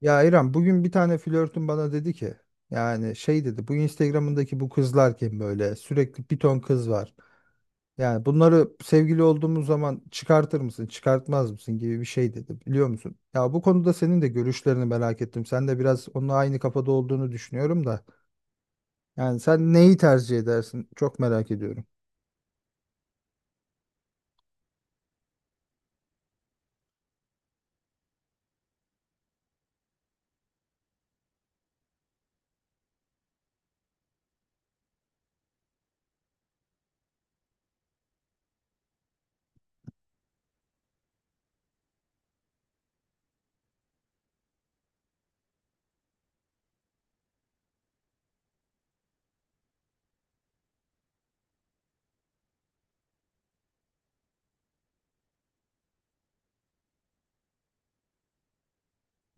Ya İrem bugün bir tane flörtüm bana dedi ki yani şey dedi bu Instagram'ındaki bu kızlar kim böyle sürekli bir ton kız var. Yani bunları sevgili olduğumuz zaman çıkartır mısın çıkartmaz mısın gibi bir şey dedi, biliyor musun? Ya bu konuda senin de görüşlerini merak ettim. Sen de biraz onunla aynı kafada olduğunu düşünüyorum da. Yani sen neyi tercih edersin, çok merak ediyorum.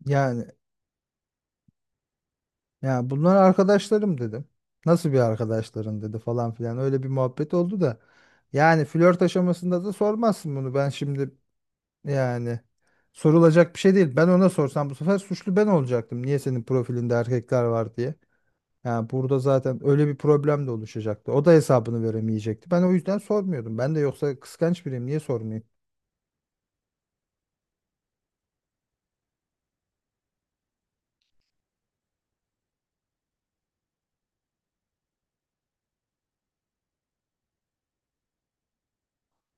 Yani Ya bunlar arkadaşlarım dedim. Nasıl bir arkadaşların dedi falan filan. Öyle bir muhabbet oldu da. Yani flört aşamasında da sormazsın bunu. Ben şimdi yani sorulacak bir şey değil. Ben ona sorsam bu sefer suçlu ben olacaktım. Niye senin profilinde erkekler var diye. Yani burada zaten öyle bir problem de oluşacaktı. O da hesabını veremeyecekti. Ben o yüzden sormuyordum. Ben de yoksa kıskanç biriyim. Niye sormayayım?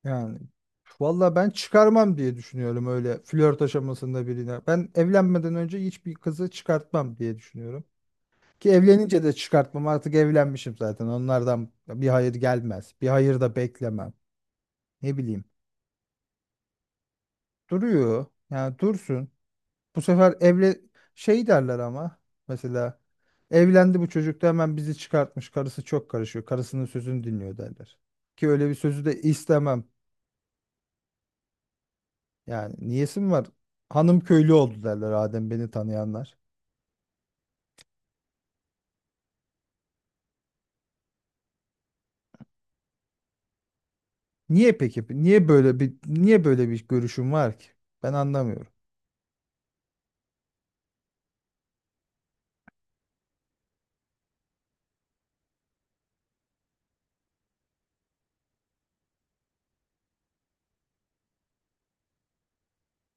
Yani valla ben çıkarmam diye düşünüyorum öyle flört aşamasında birine. Ben evlenmeden önce hiçbir kızı çıkartmam diye düşünüyorum. Ki evlenince de çıkartmam, artık evlenmişim zaten. Onlardan bir hayır gelmez. Bir hayır da beklemem. Ne bileyim. Duruyor. Yani dursun. Bu sefer evle şey derler ama mesela evlendi bu çocuk da hemen bizi çıkartmış. Karısı çok karışıyor. Karısının sözünü dinliyor derler. Ki öyle bir sözü de istemem. Yani niyesi mi var? Hanım köylü oldu derler Adem beni tanıyanlar. Niye peki? Niye böyle bir görüşüm var ki? Ben anlamıyorum.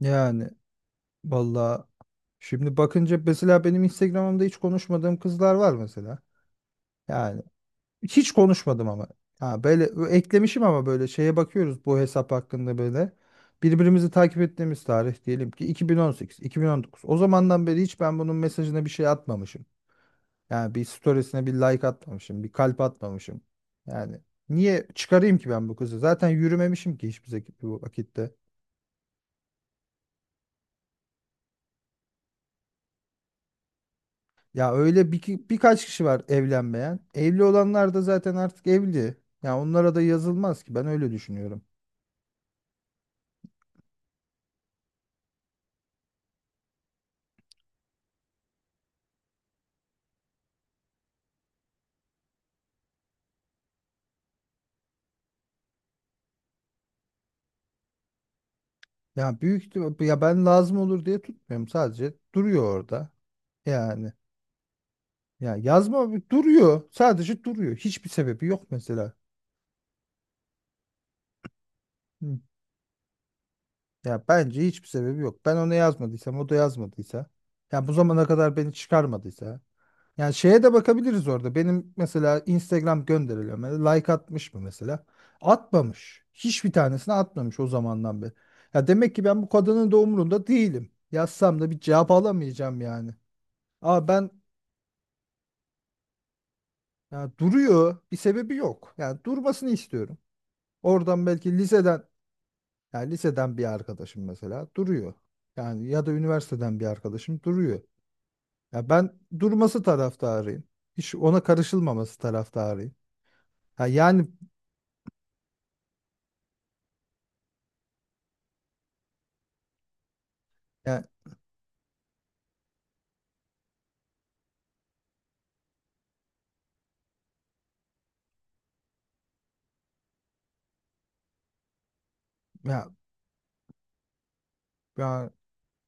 Yani vallahi şimdi bakınca mesela benim Instagram'ımda hiç konuşmadığım kızlar var mesela. Yani hiç konuşmadım ama. Ha böyle eklemişim, ama böyle şeye bakıyoruz bu hesap hakkında böyle. Birbirimizi takip ettiğimiz tarih diyelim ki 2018, 2019. O zamandan beri hiç ben bunun mesajına bir şey atmamışım. Yani bir storiesine bir like atmamışım, bir kalp atmamışım. Yani niye çıkarayım ki ben bu kızı? Zaten yürümemişim ki bu vakitte. Birkaç kişi var evlenmeyen. Evli olanlar da zaten artık evli. Ya onlara da yazılmaz ki, ben öyle düşünüyorum. Ya ben lazım olur diye tutmuyorum, sadece duruyor orada. Yani ya yazma Duruyor sadece duruyor. Hiçbir sebebi yok mesela. Ya bence hiçbir sebebi yok. Ben ona yazmadıysam, o da yazmadıysa, ya bu zamana kadar beni çıkarmadıysa. Yani şeye de bakabiliriz orada. Benim mesela Instagram gönderilerime like atmış mı mesela? Atmamış. Hiçbir tanesini atmamış o zamandan beri. Ya demek ki ben bu kadının da umurunda değilim. Yazsam da bir cevap alamayacağım yani. Ama ben, ya duruyor, bir sebebi yok. Yani durmasını istiyorum. Oradan belki liseden, yani liseden bir arkadaşım mesela duruyor. Yani ya da üniversiteden bir arkadaşım duruyor. Ya ben durması taraftarıyım. Hiç ona karışılmaması taraftarıyım. Ha yani ya, ya, ya-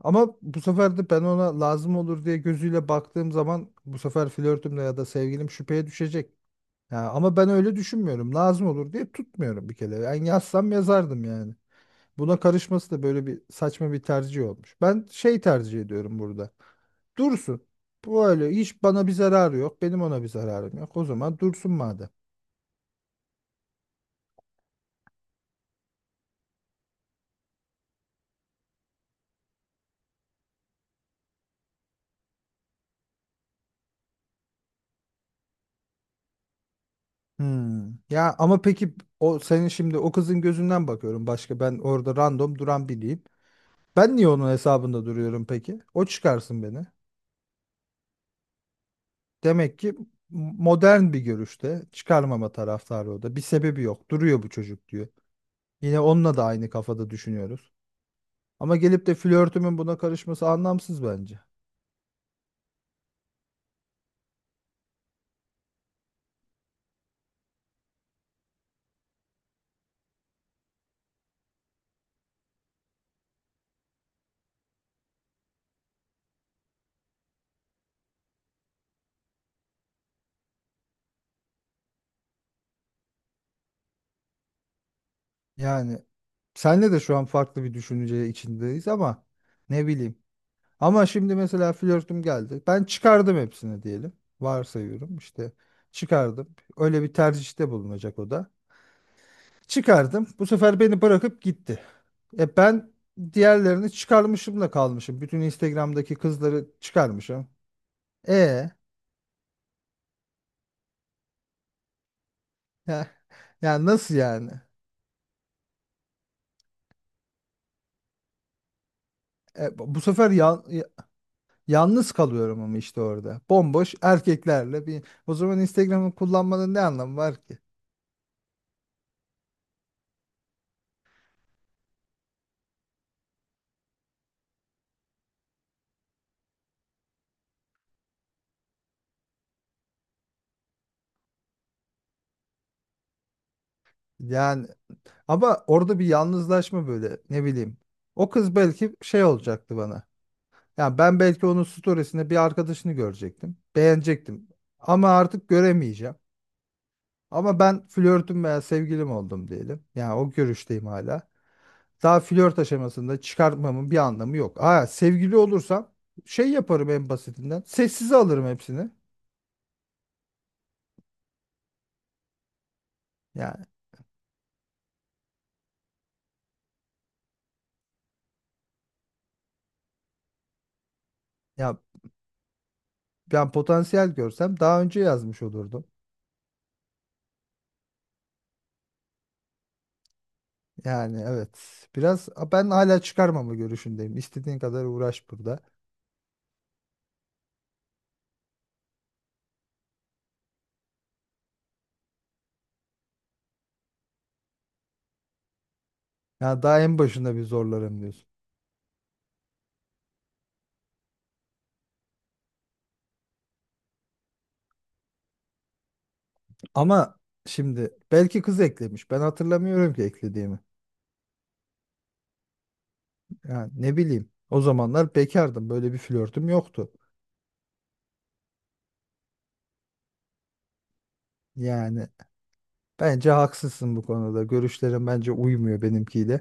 Ama bu sefer de ben ona lazım olur diye gözüyle baktığım zaman bu sefer flörtümle ya da sevgilim şüpheye düşecek. Ya ama ben öyle düşünmüyorum. Lazım olur diye tutmuyorum bir kere. Yani yazsam yazardım yani. Buna karışması da böyle bir saçma bir tercih olmuş. Ben şey tercih ediyorum burada. Dursun. Bu öyle hiç bana bir zararı yok. Benim ona bir zararım yok. O zaman dursun madem. Hmm. Ya ama peki o senin şimdi, o kızın gözünden bakıyorum, başka ben orada random duran biriyim. Ben niye onun hesabında duruyorum peki? O çıkarsın beni. Demek ki modern bir görüşte, çıkarmama taraftarı o da. Bir sebebi yok. Duruyor bu çocuk diyor. Yine onunla da aynı kafada düşünüyoruz. Ama gelip de flörtümün buna karışması anlamsız bence. Yani senle de şu an farklı bir düşünce içindeyiz ama ne bileyim. Ama şimdi mesela flörtüm geldi. Ben çıkardım hepsini diyelim. Varsayıyorum işte, çıkardım. Öyle bir tercihte bulunacak o da. Çıkardım. Bu sefer beni bırakıp gitti. E ben diğerlerini çıkarmışım da kalmışım. Bütün Instagram'daki kızları çıkarmışım. E ya, ya nasıl yani? E, bu bu sefer ya- ya- Yalnız kalıyorum ama işte orada. Bomboş erkeklerle bir, o zaman Instagram'ı kullanmanın ne anlamı var ki? Yani Ama orada bir yalnızlaşma böyle, ne bileyim. O kız belki şey olacaktı bana. Yani ben belki onun storiesinde bir arkadaşını görecektim. Beğenecektim. Ama artık göremeyeceğim. Ama ben flörtüm veya sevgilim oldum diyelim. Yani o görüşteyim hala. Daha flört aşamasında çıkartmamın bir anlamı yok. Aa sevgili olursam şey yaparım en basitinden. Sessize alırım hepsini. Yani ya Ben potansiyel görsem daha önce yazmış olurdum. Yani evet. Biraz ben hala çıkarmama görüşündeyim. İstediğin kadar uğraş burada. Ya daha en başında bir zorlarım diyorsun. Ama şimdi belki kız eklemiş. Ben hatırlamıyorum ki eklediğimi. Yani ne bileyim. O zamanlar bekardım. Böyle bir flörtüm yoktu. Yani bence haksızsın bu konuda. Görüşlerin bence uymuyor benimkiyle.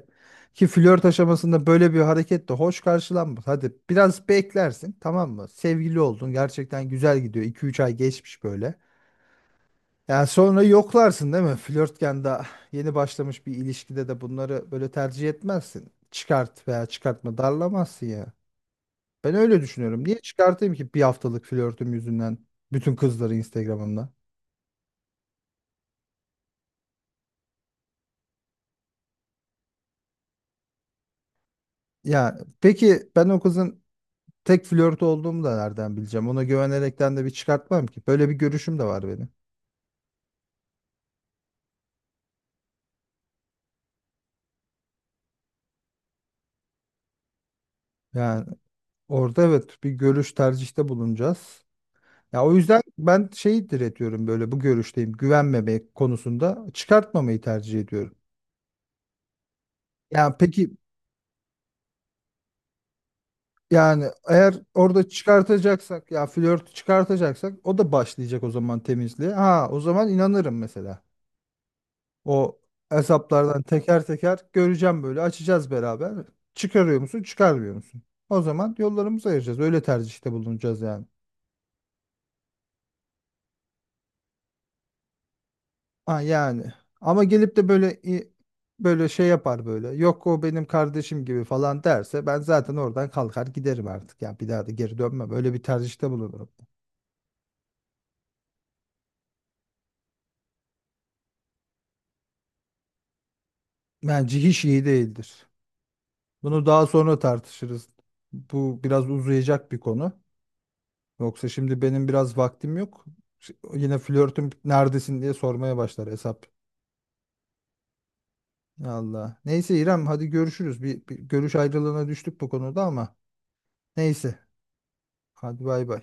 Ki flört aşamasında böyle bir hareket de hoş karşılanmaz. Hadi biraz beklersin, tamam mı? Sevgili oldun. Gerçekten güzel gidiyor. 2 üç ay geçmiş böyle. Yani sonra yoklarsın değil mi? Flörtken, daha yeni başlamış bir ilişkide de bunları böyle tercih etmezsin. Çıkart veya çıkartma darlamazsın ya. Ben öyle düşünüyorum. Niye çıkartayım ki bir haftalık flörtüm yüzünden bütün kızları Instagram'ımda? Ya peki ben o kızın tek flört olduğumu da nereden bileceğim? Ona güvenerekten de bir çıkartmam ki. Böyle bir görüşüm de var benim. Yani orada evet bir görüş tercihte bulunacağız. Ya o yüzden ben şeyi diretiyorum, böyle bu görüşteyim, güvenmemek konusunda çıkartmamayı tercih ediyorum. Yani peki, eğer orada çıkartacaksak, ya flört çıkartacaksak, o da başlayacak o zaman temizliğe. Ha o zaman inanırım mesela. O hesaplardan teker teker göreceğim, böyle açacağız beraber. Çıkarıyor musun, çıkarmıyor musun? O zaman yollarımızı ayıracağız, öyle tercihte bulunacağız yani. Ha yani. Ama gelip de böyle i- Böyle şey yapar böyle. Yok o benim kardeşim gibi falan derse ben zaten oradan kalkar giderim artık. Ya bir daha da geri dönmem. Öyle bir tercihte bulunurum. Bence hiç iyi değildir. Bunu daha sonra tartışırız. Bu biraz uzayacak bir konu. Yoksa şimdi benim biraz vaktim yok. Yine flörtüm neredesin diye sormaya başlar hesap. Allah. Neyse İrem hadi görüşürüz. Bir görüş ayrılığına düştük bu konuda ama. Neyse. Hadi bay bay.